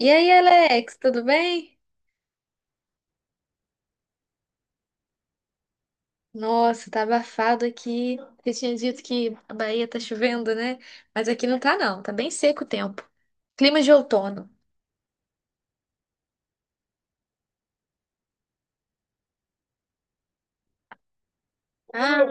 E aí, Alex, tudo bem? Nossa, tá abafado aqui. Você tinha dito que a Bahia tá chovendo, né? Mas aqui não tá, não. Tá bem seco o tempo. Clima de outono. Ah,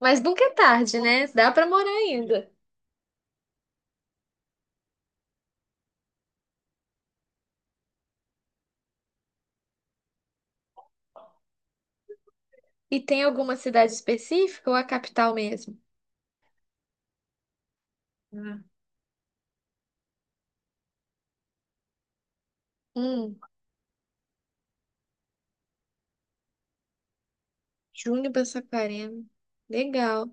mas nunca é tarde, né? Dá pra morar ainda. E tem alguma cidade específica ou a capital mesmo? Ah. Hum, Júnior para Saquarema. Legal.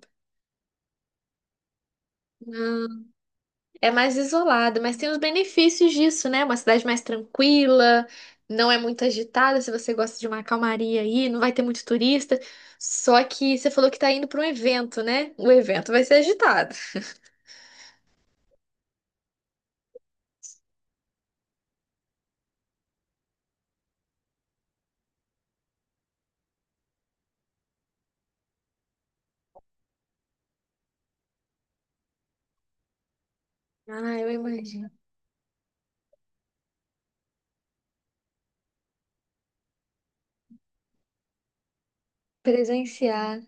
É mais isolado, mas tem os benefícios disso, né? Uma cidade mais tranquila, não é muito agitada, se você gosta de uma calmaria aí, não vai ter muito turista. Só que você falou que tá indo para um evento, né? O evento vai ser agitado. Ah, eu imagino. Presenciar.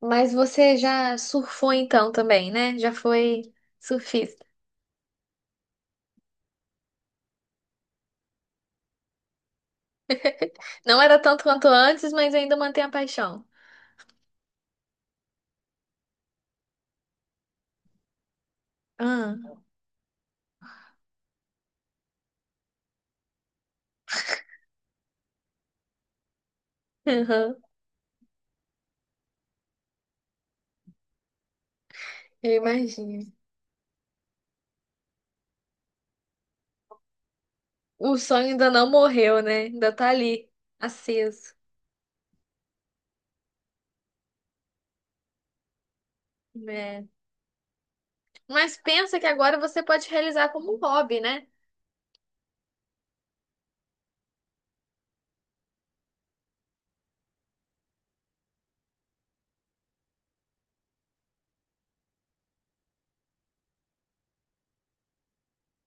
Mas você já surfou então também, né? Já foi surfista. Não era tanto quanto antes, mas ainda mantém a paixão. Ah, aham, eu imagino. O sonho ainda não morreu, né? Ainda tá ali, aceso. É. Mas pensa que agora você pode realizar como um hobby, né?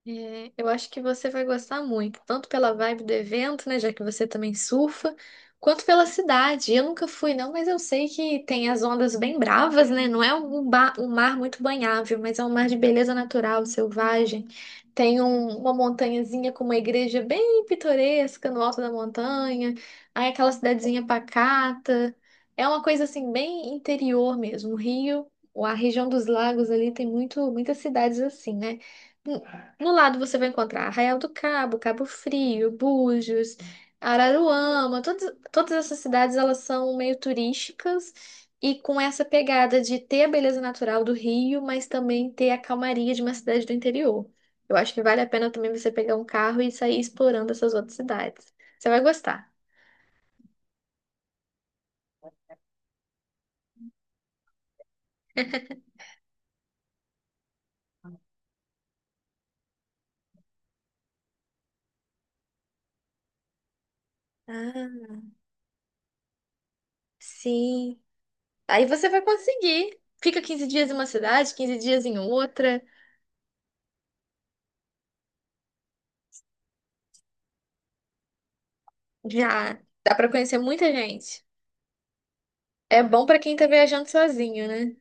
É, eu acho que você vai gostar muito, tanto pela vibe do evento, né, já que você também surfa, quanto pela cidade. Eu nunca fui, não, mas eu sei que tem as ondas bem bravas, né? Não é um, um mar muito banhável, mas é um mar de beleza natural, selvagem. Tem uma montanhazinha com uma igreja bem pitoresca no alto da montanha. Aí aquela cidadezinha pacata. É uma coisa assim bem interior mesmo. O Rio, a região dos lagos ali tem muito, muitas cidades assim, né? No lado você vai encontrar Arraial do Cabo, Cabo Frio, Búzios, Araruama, todas essas cidades elas são meio turísticas e com essa pegada de ter a beleza natural do Rio, mas também ter a calmaria de uma cidade do interior. Eu acho que vale a pena também você pegar um carro e sair explorando essas outras cidades. Você vai gostar. Ah, sim. Aí você vai conseguir. Fica 15 dias em uma cidade, 15 dias em outra. Já dá para conhecer muita gente. É bom pra quem tá viajando sozinho, né?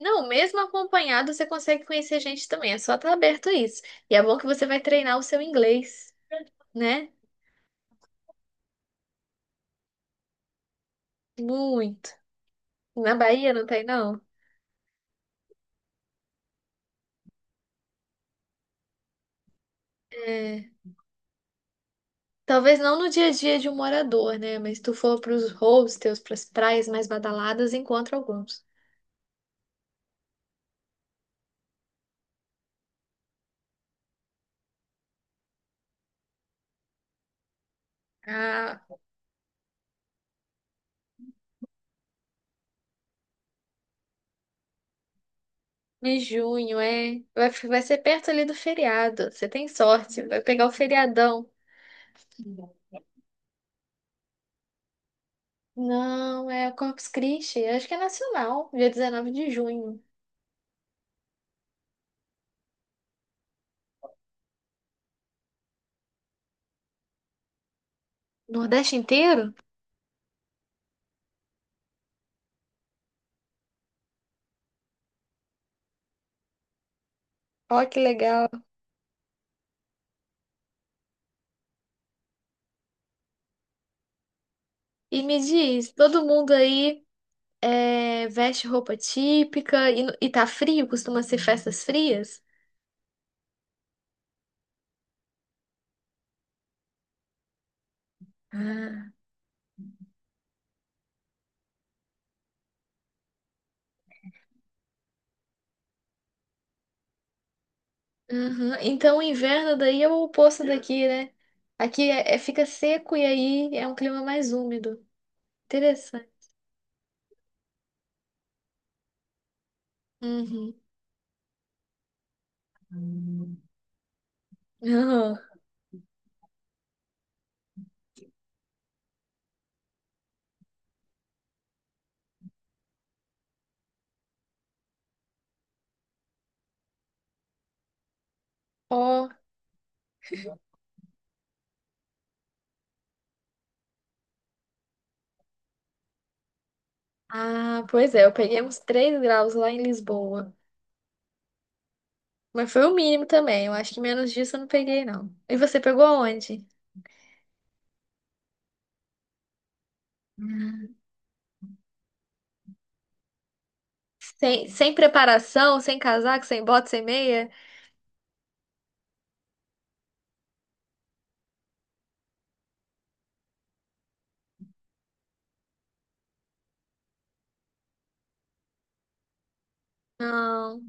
Não, mesmo acompanhado, você consegue conhecer gente também. É só estar aberto a isso. E é bom que você vai treinar o seu inglês, né? Muito. Na Bahia não tem, não? É. Talvez não no dia a dia de um morador, né? Mas se tu for pros hostels, pras praias mais badaladas, encontra alguns. Ah, em junho, é. Vai ser perto ali do feriado. Você tem sorte, vai pegar o feriadão. Não, é o Corpus Christi. Acho que é nacional, dia 19 de junho. Nordeste inteiro? Ó, que legal. E me diz, todo mundo aí é, veste roupa típica e, e tá frio? Costuma ser festas frias? Ah. Uhum. Então, o inverno daí é o oposto daqui, né? Aqui fica seco e aí é um clima mais úmido. Interessante. Uhum. Uhum. Ó, ah, pois é, eu peguei uns 3 graus lá em Lisboa. Mas foi o mínimo também. Eu acho que menos disso eu não peguei, não. E você pegou onde? Hum. Sem preparação, sem casaco, sem bota, sem meia? Não.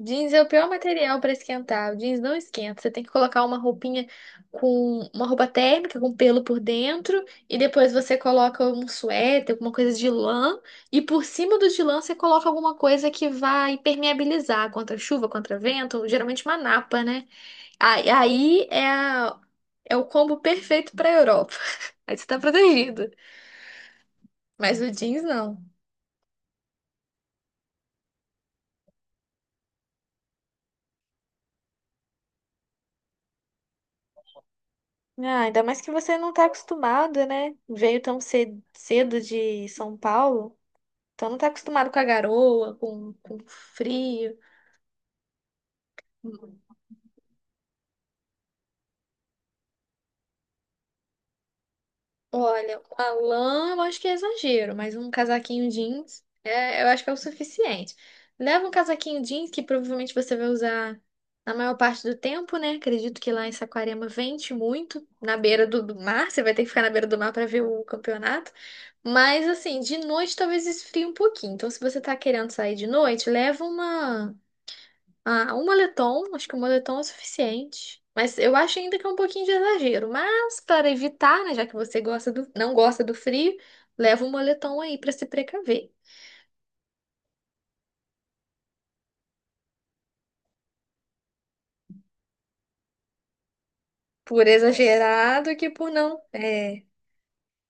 Jeans é o pior material para esquentar. O jeans não esquenta. Você tem que colocar uma roupinha com uma roupa térmica com pelo por dentro e depois você coloca um suéter, alguma coisa de lã e por cima do de lã você coloca alguma coisa que vai impermeabilizar contra chuva, contra vento, geralmente uma napa, né? Aí é o combo perfeito pra Europa. Aí você tá protegido. Mas o jeans não. Ah, ainda mais que você não tá acostumado, né? Veio tão cedo, cedo de São Paulo, então não tá acostumado com a garoa, com frio. Olha, a lã eu acho que é exagero, mas um casaquinho jeans é, eu acho que é o suficiente. Leva um casaquinho jeans que provavelmente você vai usar na maior parte do tempo, né? Acredito que lá em Saquarema vente muito, na beira do mar, você vai ter que ficar na beira do mar para ver o campeonato. Mas assim, de noite talvez esfrie um pouquinho. Então, se você tá querendo sair de noite, leva um moletom, acho que um moletom é suficiente. Mas eu acho ainda que é um pouquinho de exagero. Mas para evitar, né, já que você não gosta do frio, leva um moletom aí para se precaver. Por é. Exagerado que por não. É.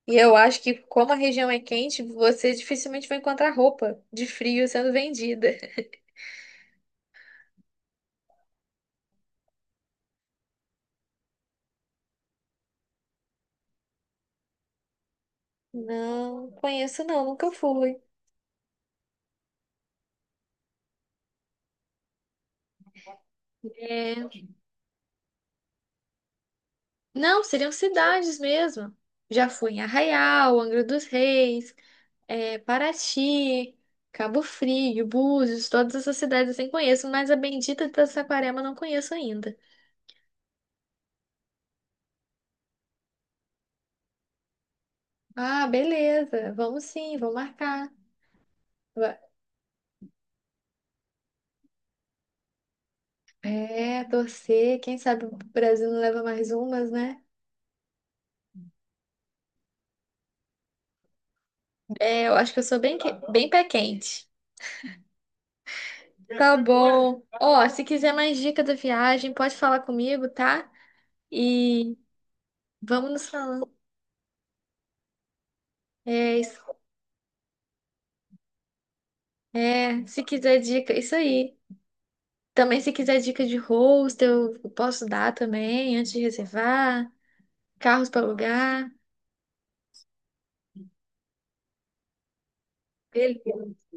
E eu acho que como a região é quente, você dificilmente vai encontrar roupa de frio sendo vendida. Não conheço não, nunca fui. É. Não, seriam cidades mesmo. Já fui em Arraial, Angra dos Reis. É, Paraty, Cabo Frio, Búzios, todas essas cidades assim conheço, mas a bendita de Saquarema eu não conheço ainda. Ah, beleza, vamos sim, vou marcar. Va- É, torcer, quem sabe o Brasil não leva mais umas, né? É, eu acho que eu sou bem, bem pé quente. Tá bom. Ó, se quiser mais dica da viagem, pode falar comigo, tá? E vamos nos falando. É, isso- é, se quiser dica, isso aí. Também, se quiser dica de hostel, eu posso dar também, antes de reservar. Carros para alugar. Beleza.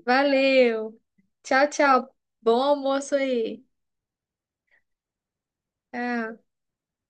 Valeu. Tchau, tchau. Bom almoço aí. Tchau.